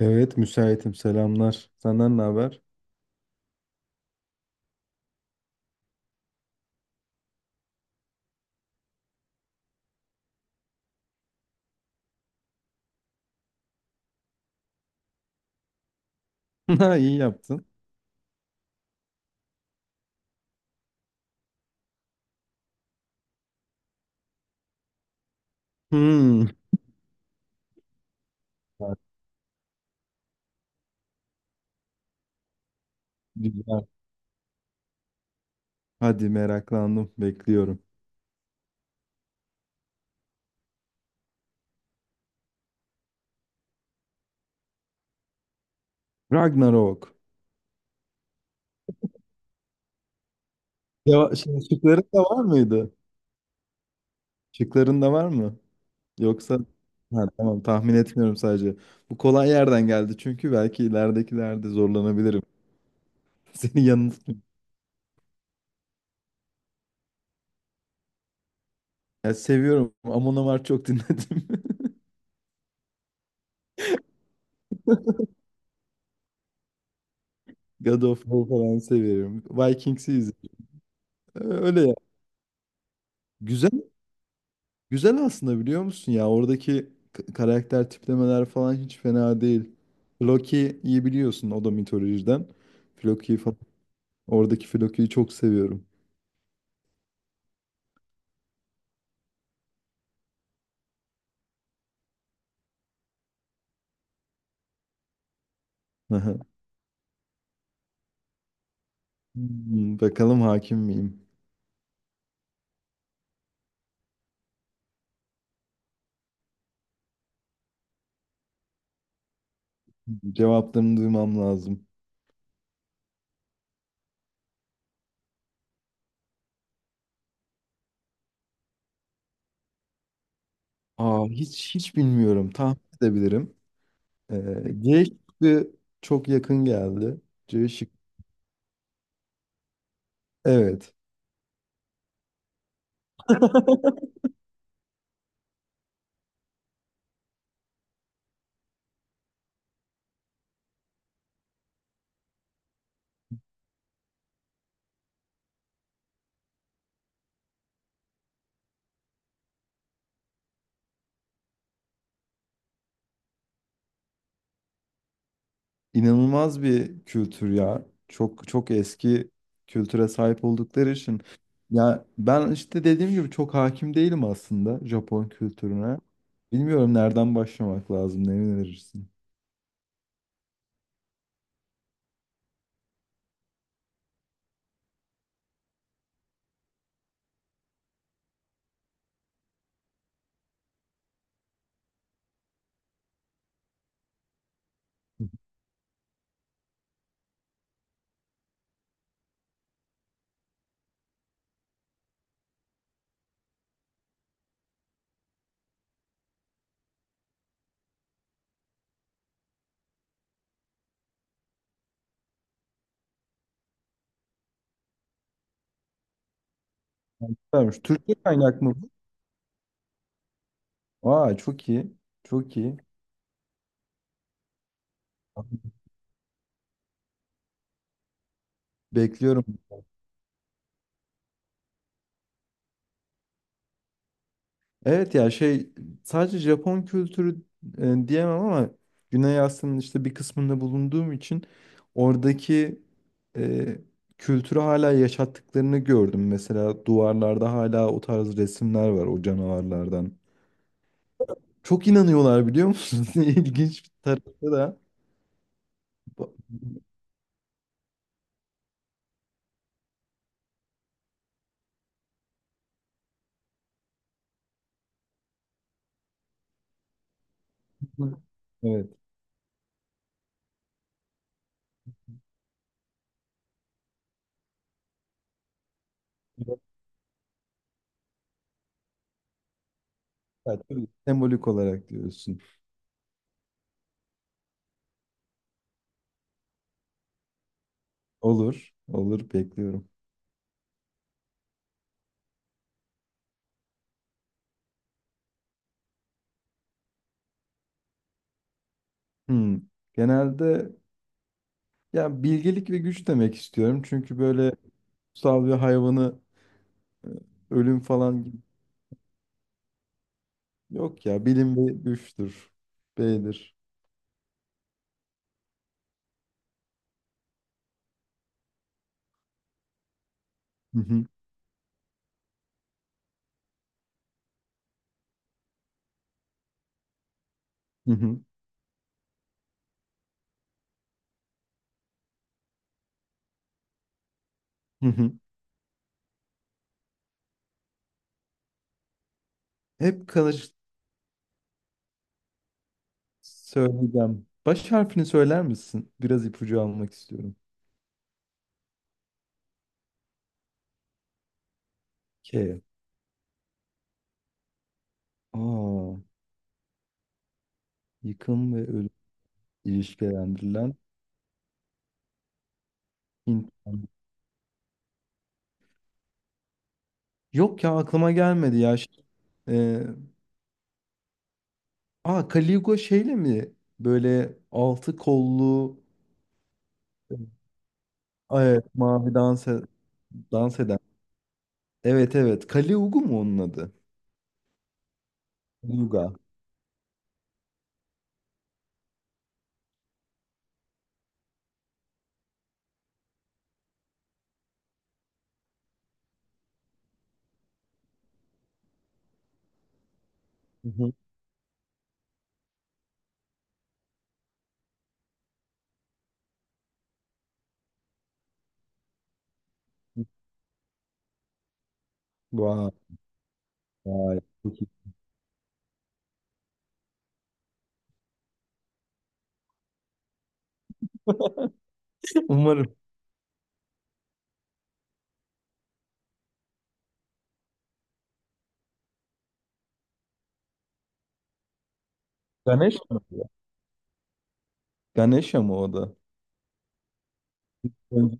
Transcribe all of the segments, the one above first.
Evet, müsaitim. Selamlar. Senden ne haber? Ha, iyi yaptın. Hmm. Güzel. Hadi meraklandım. Bekliyorum. Ragnarok. Ya, şimdi şıkların da var mıydı? Şıkların da var mı? Yoksa... Ha, tamam, tahmin etmiyorum sadece. Bu kolay yerden geldi çünkü belki ileridekilerde zorlanabilirim. Seni yanıltmayayım. Ya, seviyorum. Amon Amarth çok dinledim. God of War falan seviyorum. Vikings'i izledim. Öyle ya. Güzel Güzel aslında biliyor musun, ya oradaki karakter tiplemeler falan hiç fena değil. Loki'yi biliyorsun, o da mitolojiden. Loki'yi falan. Oradaki Loki'yi çok seviyorum. Aha. Hmm, bakalım hakim miyim? Cevaplarını duymam lazım. Aa, hiç bilmiyorum. Tahmin edebilirim. C şıkkı çok yakın geldi. C şık. Evet. İnanılmaz bir kültür ya. Çok çok eski kültüre sahip oldukları için. Ya ben işte dediğim gibi çok hakim değilim aslında Japon kültürüne. Bilmiyorum nereden başlamak lazım, ne önerirsin? Vermiş. Türkçe kaynak mı bu? Aa, çok iyi. Çok iyi. Bekliyorum. Evet ya, şey, sadece Japon kültürü diyemem ama Güney Asya'nın işte bir kısmında bulunduğum için oradaki e, kültürü hala yaşattıklarını gördüm. Mesela duvarlarda hala o tarz resimler var, o canavarlardan. Çok inanıyorlar biliyor musunuz? İlginç bir tarafı da. bu- Evet. Evet, tabii, sembolik olarak diyorsun. Olur, olur, bekliyorum. Hmm. Genelde ya bilgelik ve güç demek istiyorum. Çünkü böyle kutsal bir hayvanı e, ölüm falan gibi. Yok ya, bilim bir güçtür. B'dir. Hı hı, hı hı, hı hı. Hep kalır, söyleyeceğim. Baş harfini söyler misin? Biraz ipucu almak istiyorum. K. Aa, yıkım ve ölüm ilişkilendirilen Hint. Yok ya, aklıma gelmedi ya. Şey, E, aa, Caligo şeyle mi? Böyle altı kollu, e, evet, mavi dans, dans eden. Evet evet. Kali Ugu mu onun adı? Uga. Hı hı. Vay. Vay. Çok iyi. Umarım. Ganesha mı? Ganesha mı o da? Hı.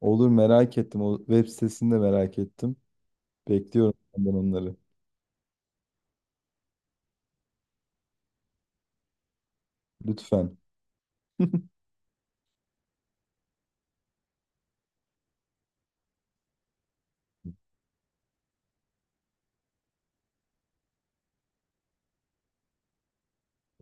Olur, merak ettim. O web sitesini de merak ettim. Bekliyorum senden onları. Lütfen.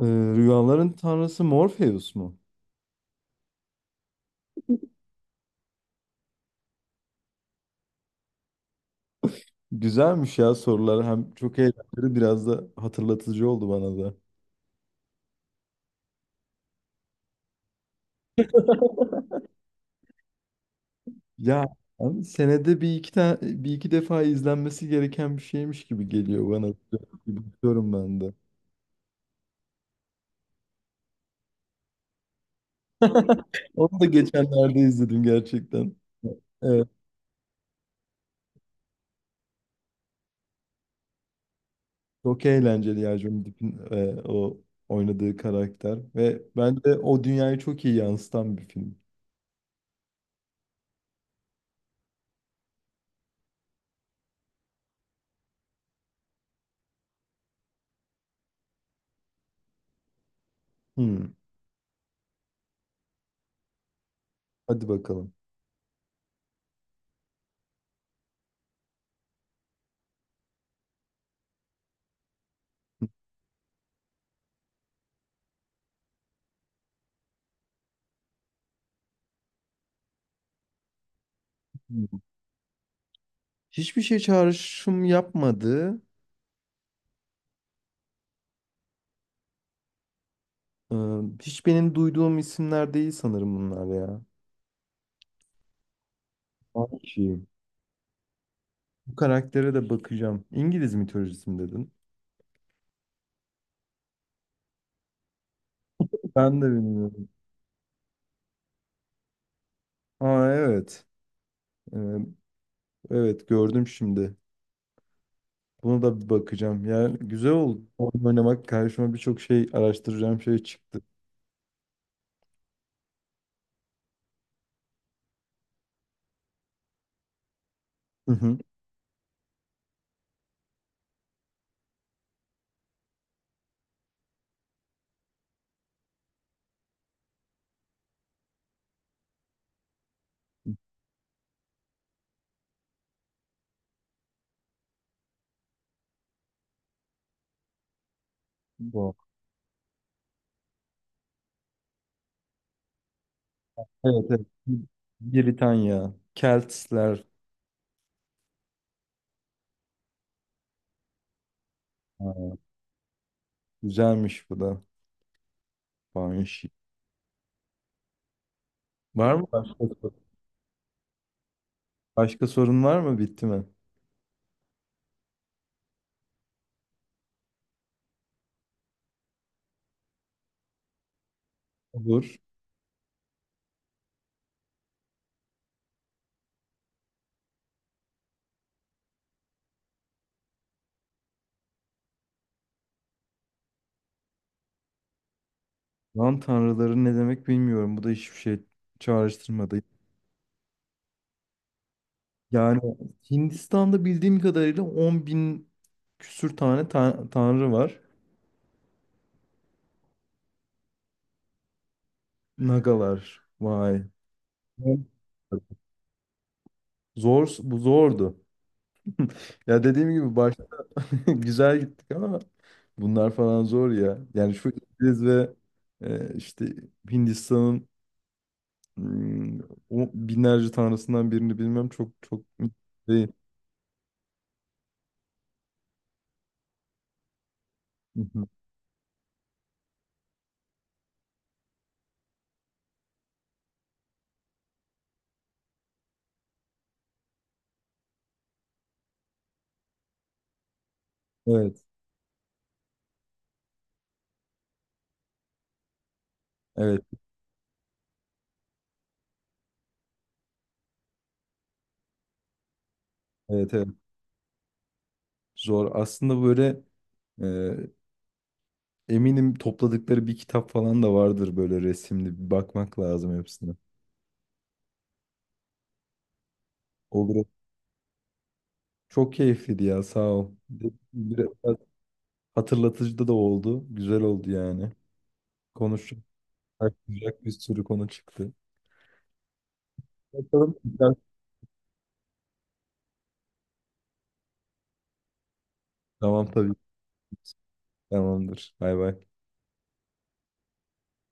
Ee, rüyaların tanrısı Morpheus mu? Güzelmiş ya sorular. Hem çok eğlenceli, biraz da hatırlatıcı oldu bana da. Ya abi, senede bir iki tane, bir iki defa izlenmesi gereken bir şeymiş gibi geliyor bana. Bakıyorum ben de. Onu da geçenlerde izledim gerçekten. Evet, çok eğlenceli ya, Johnny Depp'in o oynadığı karakter ve bence o dünyayı çok iyi yansıtan bir film. Hmm, hadi bakalım. Hmm. Hiçbir şey çağrışım yapmadı. Ee, hiç benim duyduğum isimler değil sanırım bunlar ya. Banshee. Bu karaktere de bakacağım. İngiliz mitolojisi mi dedin? Ben de bilmiyorum. Aa evet. Ee, evet, gördüm şimdi. Buna da bir bakacağım. Yani güzel oldu. Oyun oynamak, karşıma birçok şey araştıracağım şey çıktı. Hı hı. Bu. Evet, evet. Britanya. Keltler. Ha, güzelmiş bu da. Varmış. Var mı başka sorun? Başka sorun var mı? Bitti mi? Olur. Lan tanrıları ne demek bilmiyorum. Bu da hiçbir şey çağrıştırmadı. Yani Hindistan'da bildiğim kadarıyla 10 bin küsür tane tanrı var. Nagalar. Vay. Zor, bu zordu. Ya dediğim gibi başta güzel gittik ama bunlar falan zor ya. Yani şu İngiliz ve işte Hindistan'ın, mm, o binlerce tanrısından birini bilmem çok çok değil. Mhm. Evet, evet, evet, evet. Zor. Aslında böyle eminim topladıkları bir kitap falan da vardır, böyle resimli. Bir bakmak lazım hepsine. Olur. Çok keyifliydi ya, sağ ol. Biraz hatırlatıcı da oldu. Güzel oldu yani. Konuştuk. Aklayacak bir sürü konu çıktı. Bakalım. Tamam, tabii. Tamamdır. Bay bay.